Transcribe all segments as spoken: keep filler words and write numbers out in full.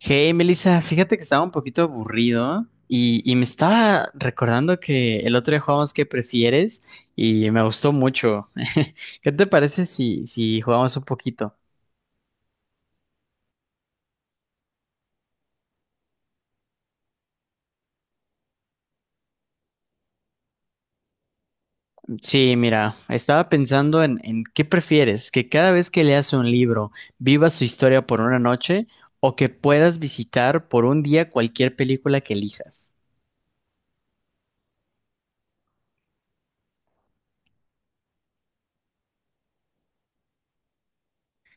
Hey, Melissa, fíjate que estaba un poquito aburrido y, y me estaba recordando que el otro día jugamos ¿qué prefieres? Y me gustó mucho. ¿Qué te parece si, si jugamos un poquito? Sí, mira, estaba pensando en, en ¿qué prefieres? ¿Que cada vez que leas un libro viva su historia por una noche o que puedas visitar por un día cualquier película que elijas?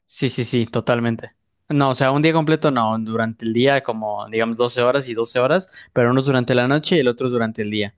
Sí, sí, sí, totalmente. No, o sea, un día completo no, durante el día, como digamos, doce horas y doce horas, pero unos durante la noche y el otro durante el día.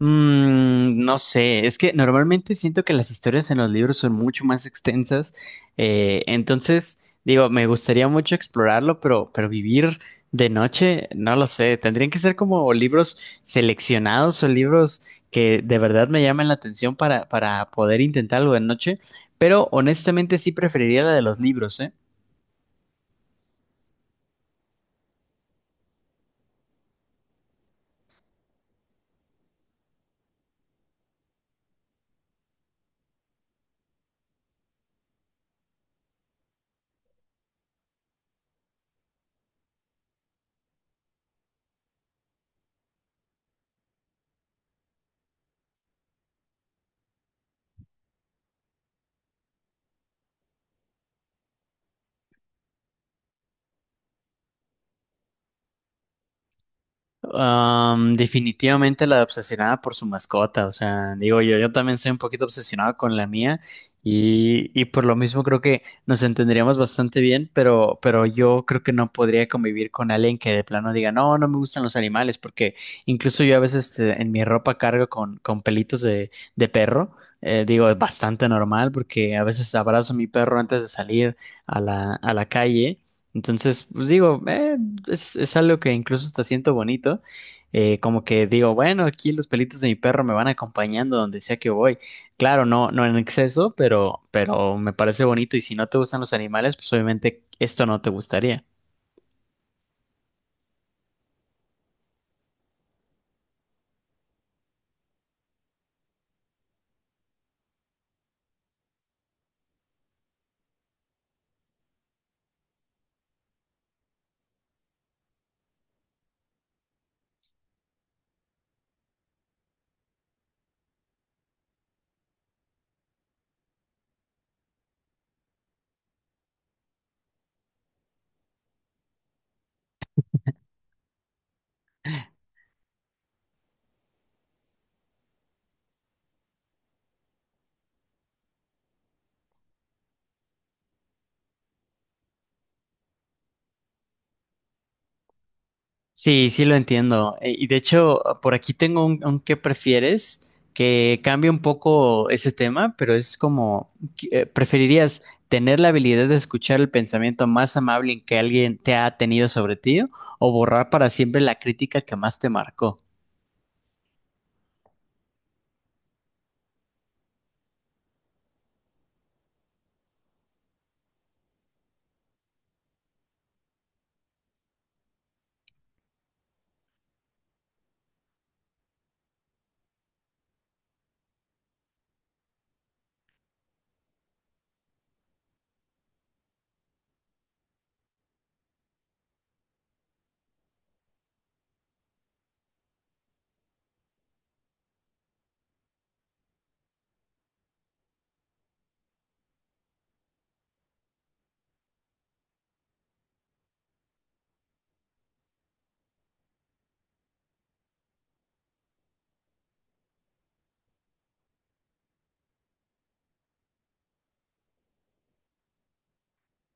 Mm, no sé, es que normalmente siento que las historias en los libros son mucho más extensas. Eh, entonces digo, me gustaría mucho explorarlo, pero, pero vivir de noche, no lo sé, tendrían que ser como libros seleccionados o libros que de verdad me llamen la atención para, para poder intentar algo de noche, pero honestamente sí preferiría la de los libros, ¿eh? Am, definitivamente la obsesionada por su mascota. O sea, digo, yo, yo también soy un poquito obsesionado con la mía, y, y por lo mismo creo que nos entenderíamos bastante bien, pero, pero yo creo que no podría convivir con alguien que de plano diga, no, no me gustan los animales, porque incluso yo a veces este, en mi ropa cargo con, con pelitos de, de perro. Eh, digo, es bastante normal, porque a veces abrazo a mi perro antes de salir a la, a la calle. Entonces, pues digo, eh, es, es algo que incluso hasta siento bonito eh, como que digo, bueno, aquí los pelitos de mi perro me van acompañando donde sea que voy. Claro, no, no en exceso, pero, pero me parece bonito. Y si no te gustan los animales, pues obviamente esto no te gustaría. Sí, sí, lo entiendo. Eh, Y de hecho, por aquí tengo un, un qué prefieres que cambia un poco ese tema, pero es como, ¿qué- eh, ¿preferirías tener la habilidad de escuchar el pensamiento más amable que alguien te ha tenido sobre ti o borrar para siempre la crítica que más te marcó?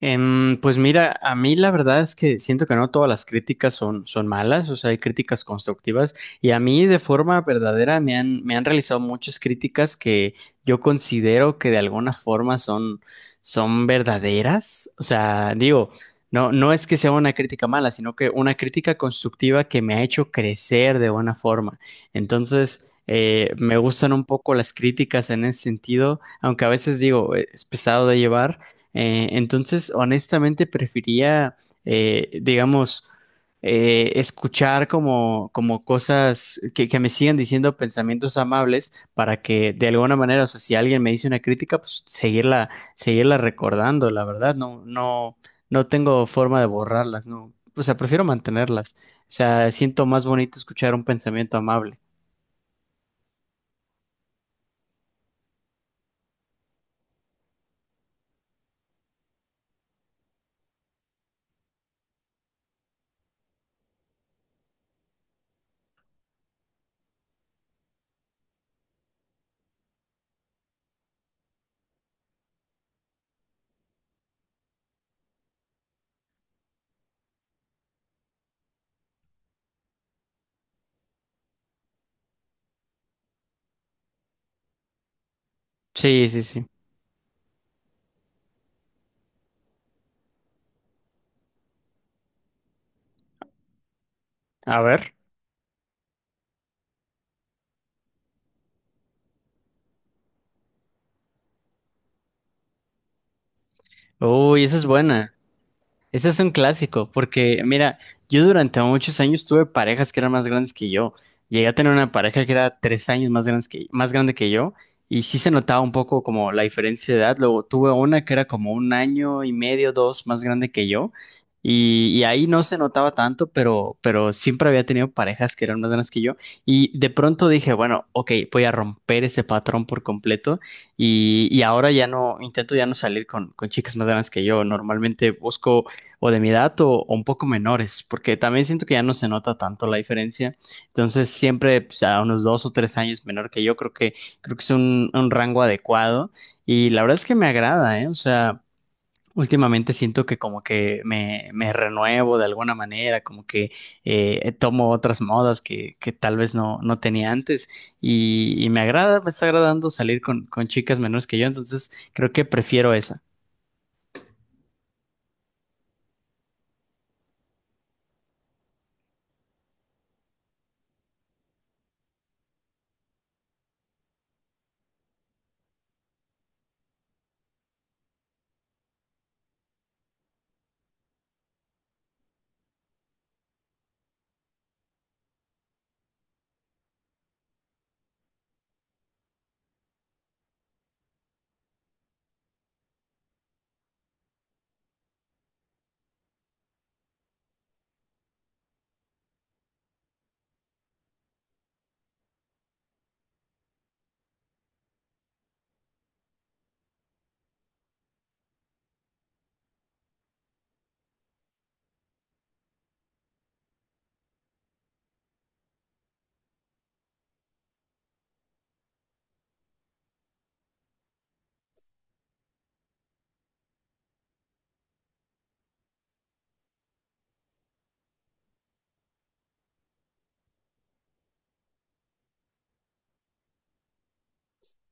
Em, pues mira, a mí la verdad es que siento que no todas las críticas son, son malas. O sea, hay críticas constructivas, y a mí de forma verdadera me han, me han realizado muchas críticas que yo considero que de alguna forma son, son verdaderas. O sea, digo, no, no es que sea una crítica mala, sino que una crítica constructiva que me ha hecho crecer de buena forma. Entonces, eh, me gustan un poco las críticas en ese sentido, aunque a veces digo, eh, es pesado de llevar. Eh, entonces, honestamente, prefería, eh, digamos, eh, escuchar como, como cosas que, que me sigan diciendo pensamientos amables, para que de alguna manera, o sea, si alguien me dice una crítica, pues seguirla, seguirla recordando, la verdad, no, no, no tengo forma de borrarlas. No, o sea, prefiero mantenerlas. O sea, siento más bonito escuchar un pensamiento amable. Sí, sí, sí. A ver. Uy, esa es buena. Ese es un clásico, porque mira, yo durante muchos años tuve parejas que eran más grandes que yo. Llegué a tener una pareja que era tres años más grandes que, más grande que yo, y sí se notaba un poco como la diferencia de edad. Luego tuve una que era como un año y medio, dos, más grande que yo, y, y ahí no se notaba tanto, pero, pero siempre había tenido parejas que eran más grandes que yo. Y de pronto dije, bueno, ok, voy a romper ese patrón por completo. Y, y ahora ya no, intento ya no salir con, con chicas más grandes que yo. Normalmente busco o de mi edad o, o un poco menores, porque también siento que ya no se nota tanto la diferencia. Entonces, siempre, pues, a unos dos o tres años menor que yo, creo que, creo que es un, un rango adecuado. Y la verdad es que me agrada, ¿eh? O sea, últimamente siento que, como que me, me renuevo de alguna manera, como que eh, tomo otras modas que, que tal vez no, no tenía antes. Y, y me agrada, me está agradando salir con, con chicas menores que yo, entonces creo que prefiero esa.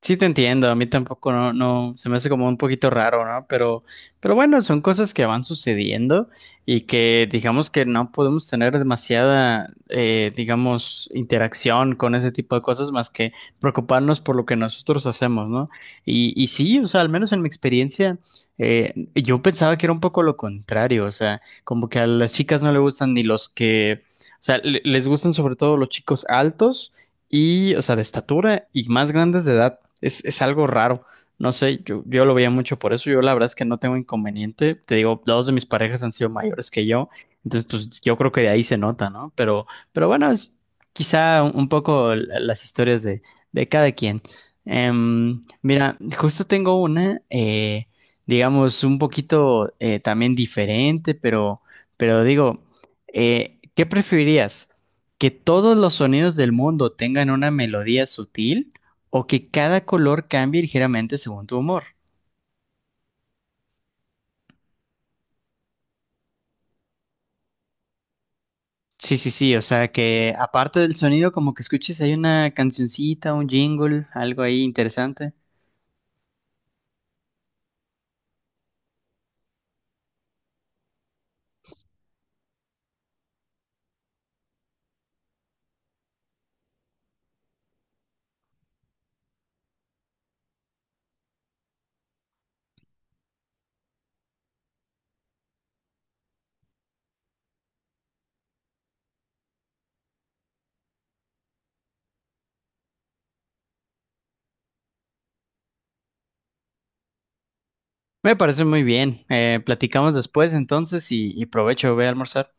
Sí, te entiendo, a mí tampoco no, no, se me hace como un poquito raro, ¿no? Pero, pero bueno, son cosas que van sucediendo y que digamos que no podemos tener demasiada, eh, digamos, interacción con ese tipo de cosas, más que preocuparnos por lo que nosotros hacemos, ¿no? Y, y sí, o sea, al menos en mi experiencia, eh, yo pensaba que era un poco lo contrario. O sea, como que a las chicas no le gustan ni los que, o sea, le- les gustan sobre todo los chicos altos y, o sea, de estatura y más grandes de edad. Es, es algo raro. No sé, yo, yo, lo veía mucho por eso. Yo la verdad es que no tengo inconveniente. Te digo, dos de mis parejas han sido mayores que yo. Entonces, pues yo creo que de ahí se nota, ¿no? Pero, pero bueno, es quizá un, un poco la- las historias de, de cada quien. Em, mira, justo tengo una, eh, digamos, un poquito eh, también diferente, pero, pero digo, eh, ¿qué preferirías? ¿Que todos los sonidos del mundo tengan una melodía sutil o que cada color cambie ligeramente según tu humor? Sí, sí, sí, o sea, que aparte del sonido, como que escuches, hay una cancioncita, un jingle, algo ahí interesante. Me parece muy bien. Eh, platicamos después entonces, y, y provecho, voy a almorzar.